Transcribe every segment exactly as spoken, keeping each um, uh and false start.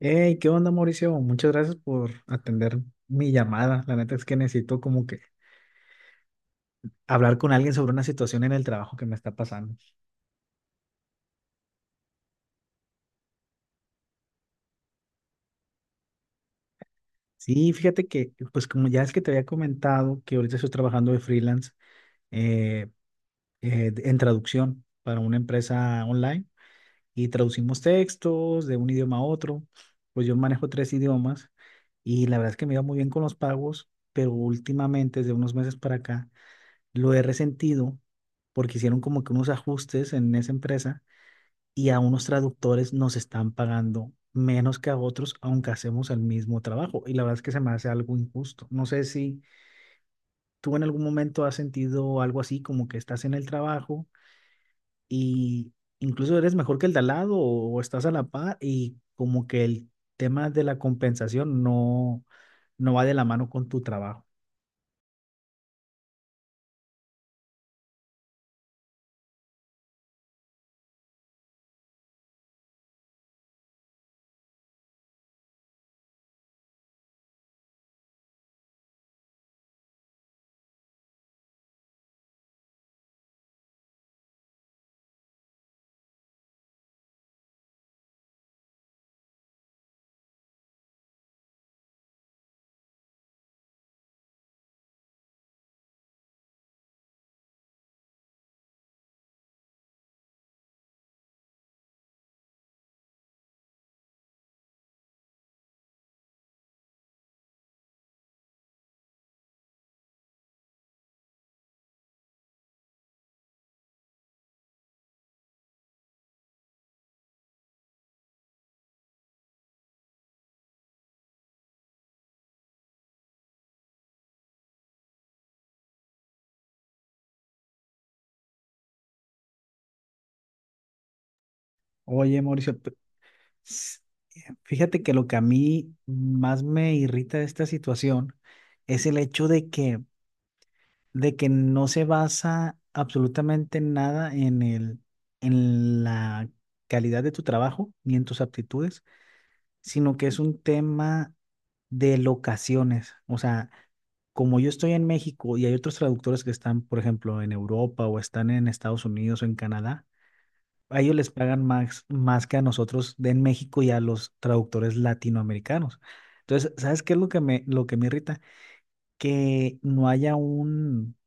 Hey, ¿qué onda, Mauricio? Muchas gracias por atender mi llamada. La neta es que necesito como que hablar con alguien sobre una situación en el trabajo que me está pasando. Sí, fíjate que, pues como ya es que te había comentado que ahorita estoy trabajando de freelance eh, eh, de- en traducción para una empresa online y traducimos textos de un idioma a otro. Pues yo manejo tres idiomas y la verdad es que me iba muy bien con los pagos, pero últimamente, desde unos meses para acá, lo he resentido porque hicieron como que unos ajustes en esa empresa y a unos traductores nos están pagando menos que a otros, aunque hacemos el mismo trabajo. Y la verdad es que se me hace algo injusto. No sé si tú en algún momento has sentido algo así, como que estás en el trabajo y incluso eres mejor que el de al lado o estás a la par y como que el tema de la compensación no, no va de la mano con tu trabajo. Oye, Mauricio, p- S- eh, fíjate que lo que a mí más me irrita de esta situación es el hecho de que, de que no se basa absolutamente en nada en el, en la calidad de tu trabajo ni en tus aptitudes, sino que es un tema de locaciones. O sea, como yo estoy en México y hay otros traductores que están, por ejemplo, en Europa o están en Estados Unidos o en Canadá, a ellos les pagan más, más que a nosotros de en México y a los traductores latinoamericanos. Entonces, ¿sabes qué es lo que me, lo que me irrita? Que no haya un,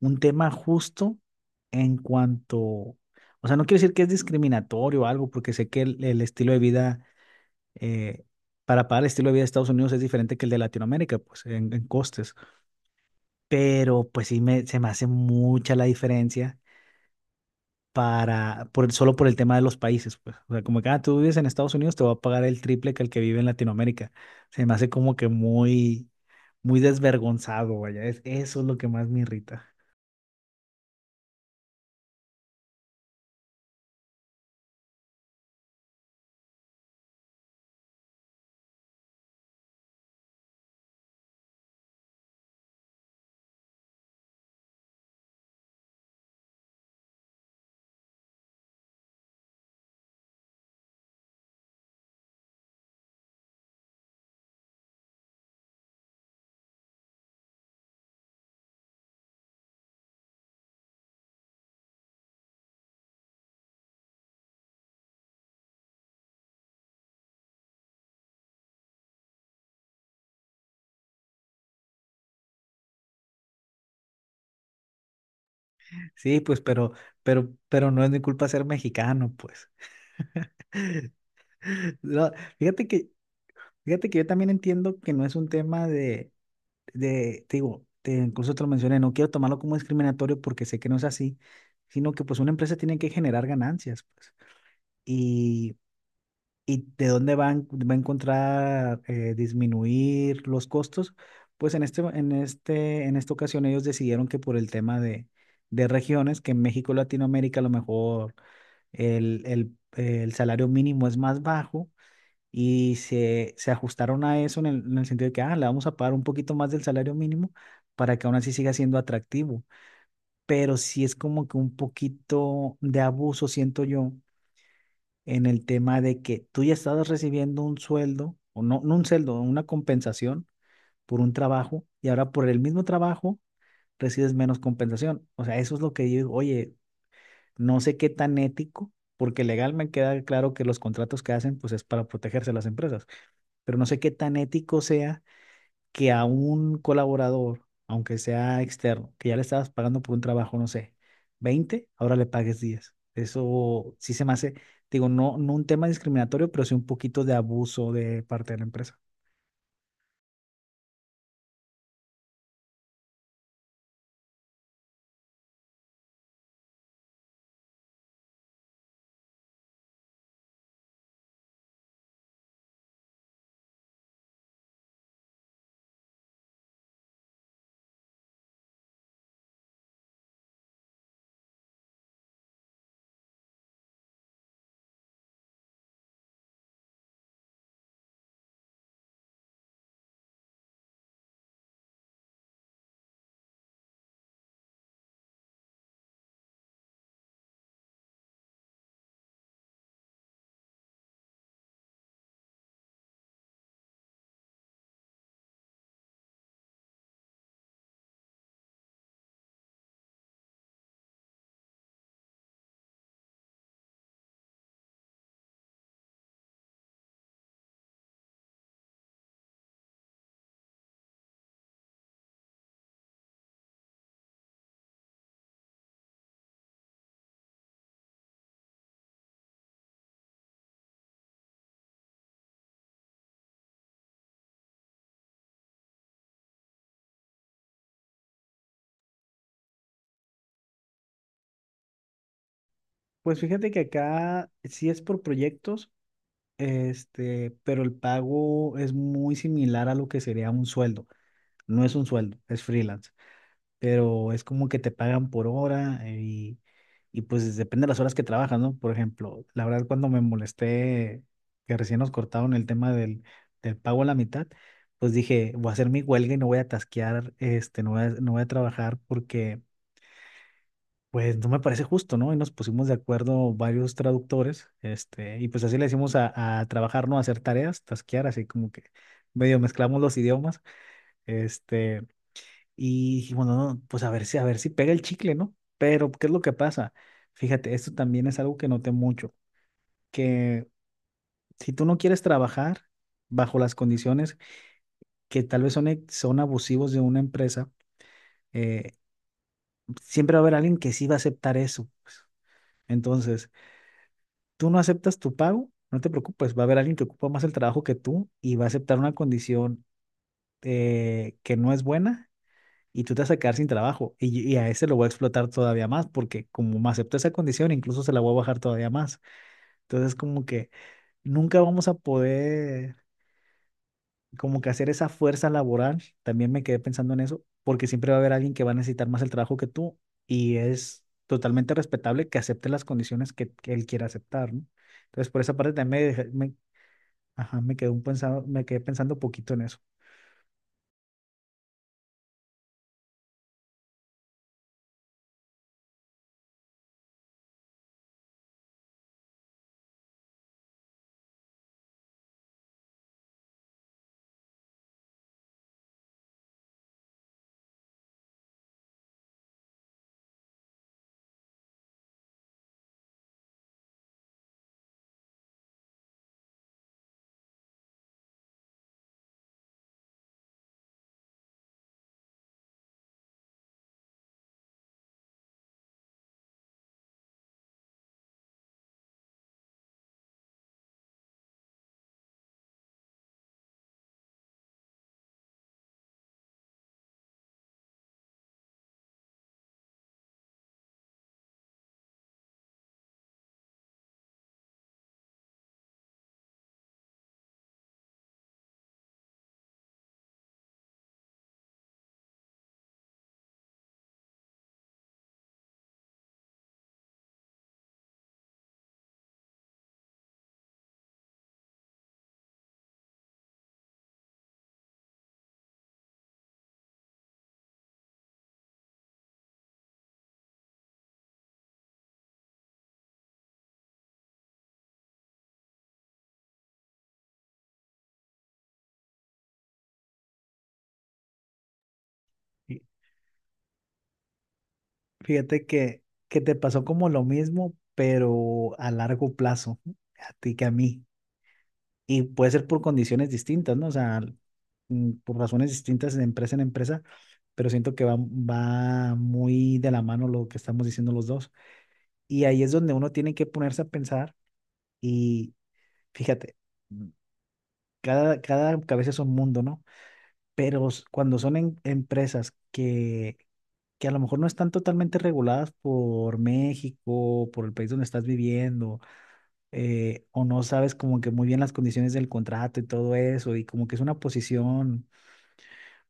un tema justo en cuanto, o sea, no quiero decir que es discriminatorio o algo, porque sé que el, el estilo de vida, eh, para pagar el estilo de vida de Estados Unidos es diferente que el de Latinoamérica, pues en, en costes, pero pues sí me, se me hace mucha la diferencia para, por, el- solo por el tema de los países, pues. O sea, como que, ah, tú vives en Estados Unidos, te va a pagar el triple que el que vive en Latinoamérica. Se me hace como que muy, muy desvergonzado, vaya. Es, eso es lo que más me irrita. Sí, pues, pero, pero, pero no es mi culpa ser mexicano, pues. No, fíjate que, fíjate que yo también entiendo que no es un tema de, de, te digo, te- incluso te lo mencioné, no quiero tomarlo como discriminatorio porque sé que no es así, sino que pues una empresa tiene que generar ganancias, pues. ¿Y de dónde van, va a encontrar eh, disminuir los costos? Pues en este, en este, en esta ocasión ellos decidieron que por el tema de, de regiones, que en México, y Latinoamérica, a lo mejor el, el, el salario mínimo es más bajo y se, se ajustaron a eso en el, en el sentido de que, ah, le vamos a pagar un poquito más del salario mínimo para que aún así siga siendo atractivo. Pero sí es como que un poquito de abuso, siento yo en el tema de que tú ya estabas recibiendo un sueldo, o no, no un sueldo, una compensación por un trabajo, y ahora por el mismo trabajo recibes menos compensación. O sea, eso es lo que yo digo, oye, no sé qué tan ético, porque legal me queda claro que los contratos que hacen, pues es para protegerse a las empresas, pero no sé qué tan ético sea que a un colaborador, aunque sea externo, que ya le estabas pagando por un trabajo, no sé, veinte ahora le pagues diez. Eso sí se me hace, digo, no, no un tema discriminatorio, pero sí un poquito de abuso de parte de la empresa. Pues fíjate que acá sí es por proyectos, este, pero el pago es muy similar a lo que sería un sueldo. No es un sueldo, es freelance, pero es como que te pagan por hora eh, y, y pues depende de las horas que trabajas, ¿no? Por ejemplo, la verdad cuando me molesté que recién nos cortaron el tema del, del pago a la mitad, pues dije, voy a hacer mi huelga y no voy a tasquear, este, no voy a, no voy a trabajar porque pues no me parece justo, ¿no? Y nos pusimos de acuerdo varios traductores, este, y pues así le decimos a, a trabajar, ¿no? A hacer tareas, tasquear, así como que medio mezclamos los idiomas, este... Y dije, bueno, no, pues a ver si, a ver si pega el chicle, ¿no? Pero, ¿qué es lo que pasa? Fíjate, esto también es algo que noté mucho, que si tú no quieres trabajar bajo las condiciones que tal vez son, e- son abusivos de una empresa, eh, siempre va a haber alguien que sí va a aceptar eso, pues. Entonces, tú no aceptas tu pago, no te preocupes, va a haber alguien que ocupa más el trabajo que tú y va a aceptar una condición eh, que no es buena y tú te vas a quedar sin trabajo. Y, y a ese lo voy a explotar todavía más, porque como me aceptó esa condición, incluso se la voy a bajar todavía más. Entonces, como que nunca vamos a poder, como que hacer esa fuerza laboral, también me quedé pensando en eso, porque siempre va a haber alguien que va a necesitar más el trabajo que tú y es totalmente respetable que acepte las condiciones que, que él quiera aceptar, ¿no? Entonces, por esa parte también me, dejé- me, ajá, me quedé un pensado, me quedé pensando poquito en eso. Y- Fíjate que, que te pasó como lo mismo, pero a largo plazo, a ti que a mí. Y puede ser por condiciones distintas, ¿no? O sea, mm, por razones distintas de empresa en empresa, pero siento que va, va muy de la mano lo que estamos diciendo los dos. Y ahí es donde uno tiene que ponerse a pensar y fíjate, mm, cada, cada cabeza es un mundo, ¿no? Pero s- cuando son en- empresas que que a lo mejor no están totalmente reguladas por México, por el país donde estás viviendo, eh, o no sabes como que muy bien las condiciones del contrato y todo eso, y como que es una posición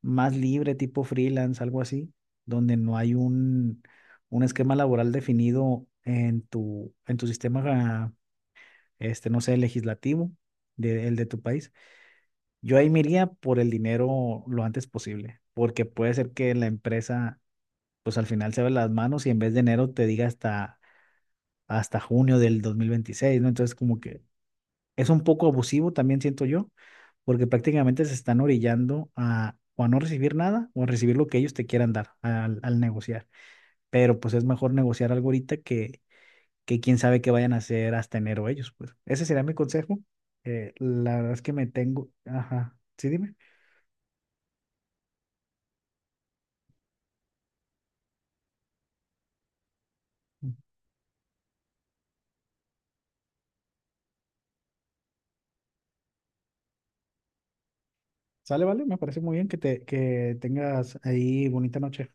más libre, tipo freelance, algo así, donde no hay un, un esquema laboral definido en tu, en tu sistema, este, no sé, legislativo de- el de tu país. Yo ahí me iría por el dinero lo antes posible, porque puede ser que la empresa pues al final se ven las manos y en vez de enero te diga hasta, hasta junio del dos mil veintiséis, ¿no? Entonces como que es un poco abusivo también siento yo, porque prácticamente se están orillando a o a no recibir nada o a recibir lo que ellos te quieran dar al, al negociar. Pero pues es mejor negociar algo ahorita que, que quién sabe qué vayan a hacer hasta enero ellos, pues. Ese sería mi consejo. Eh, la verdad es que me tengo, ajá, sí, dime. Sale, vale, me parece muy bien que te, que tengas ahí bonita noche.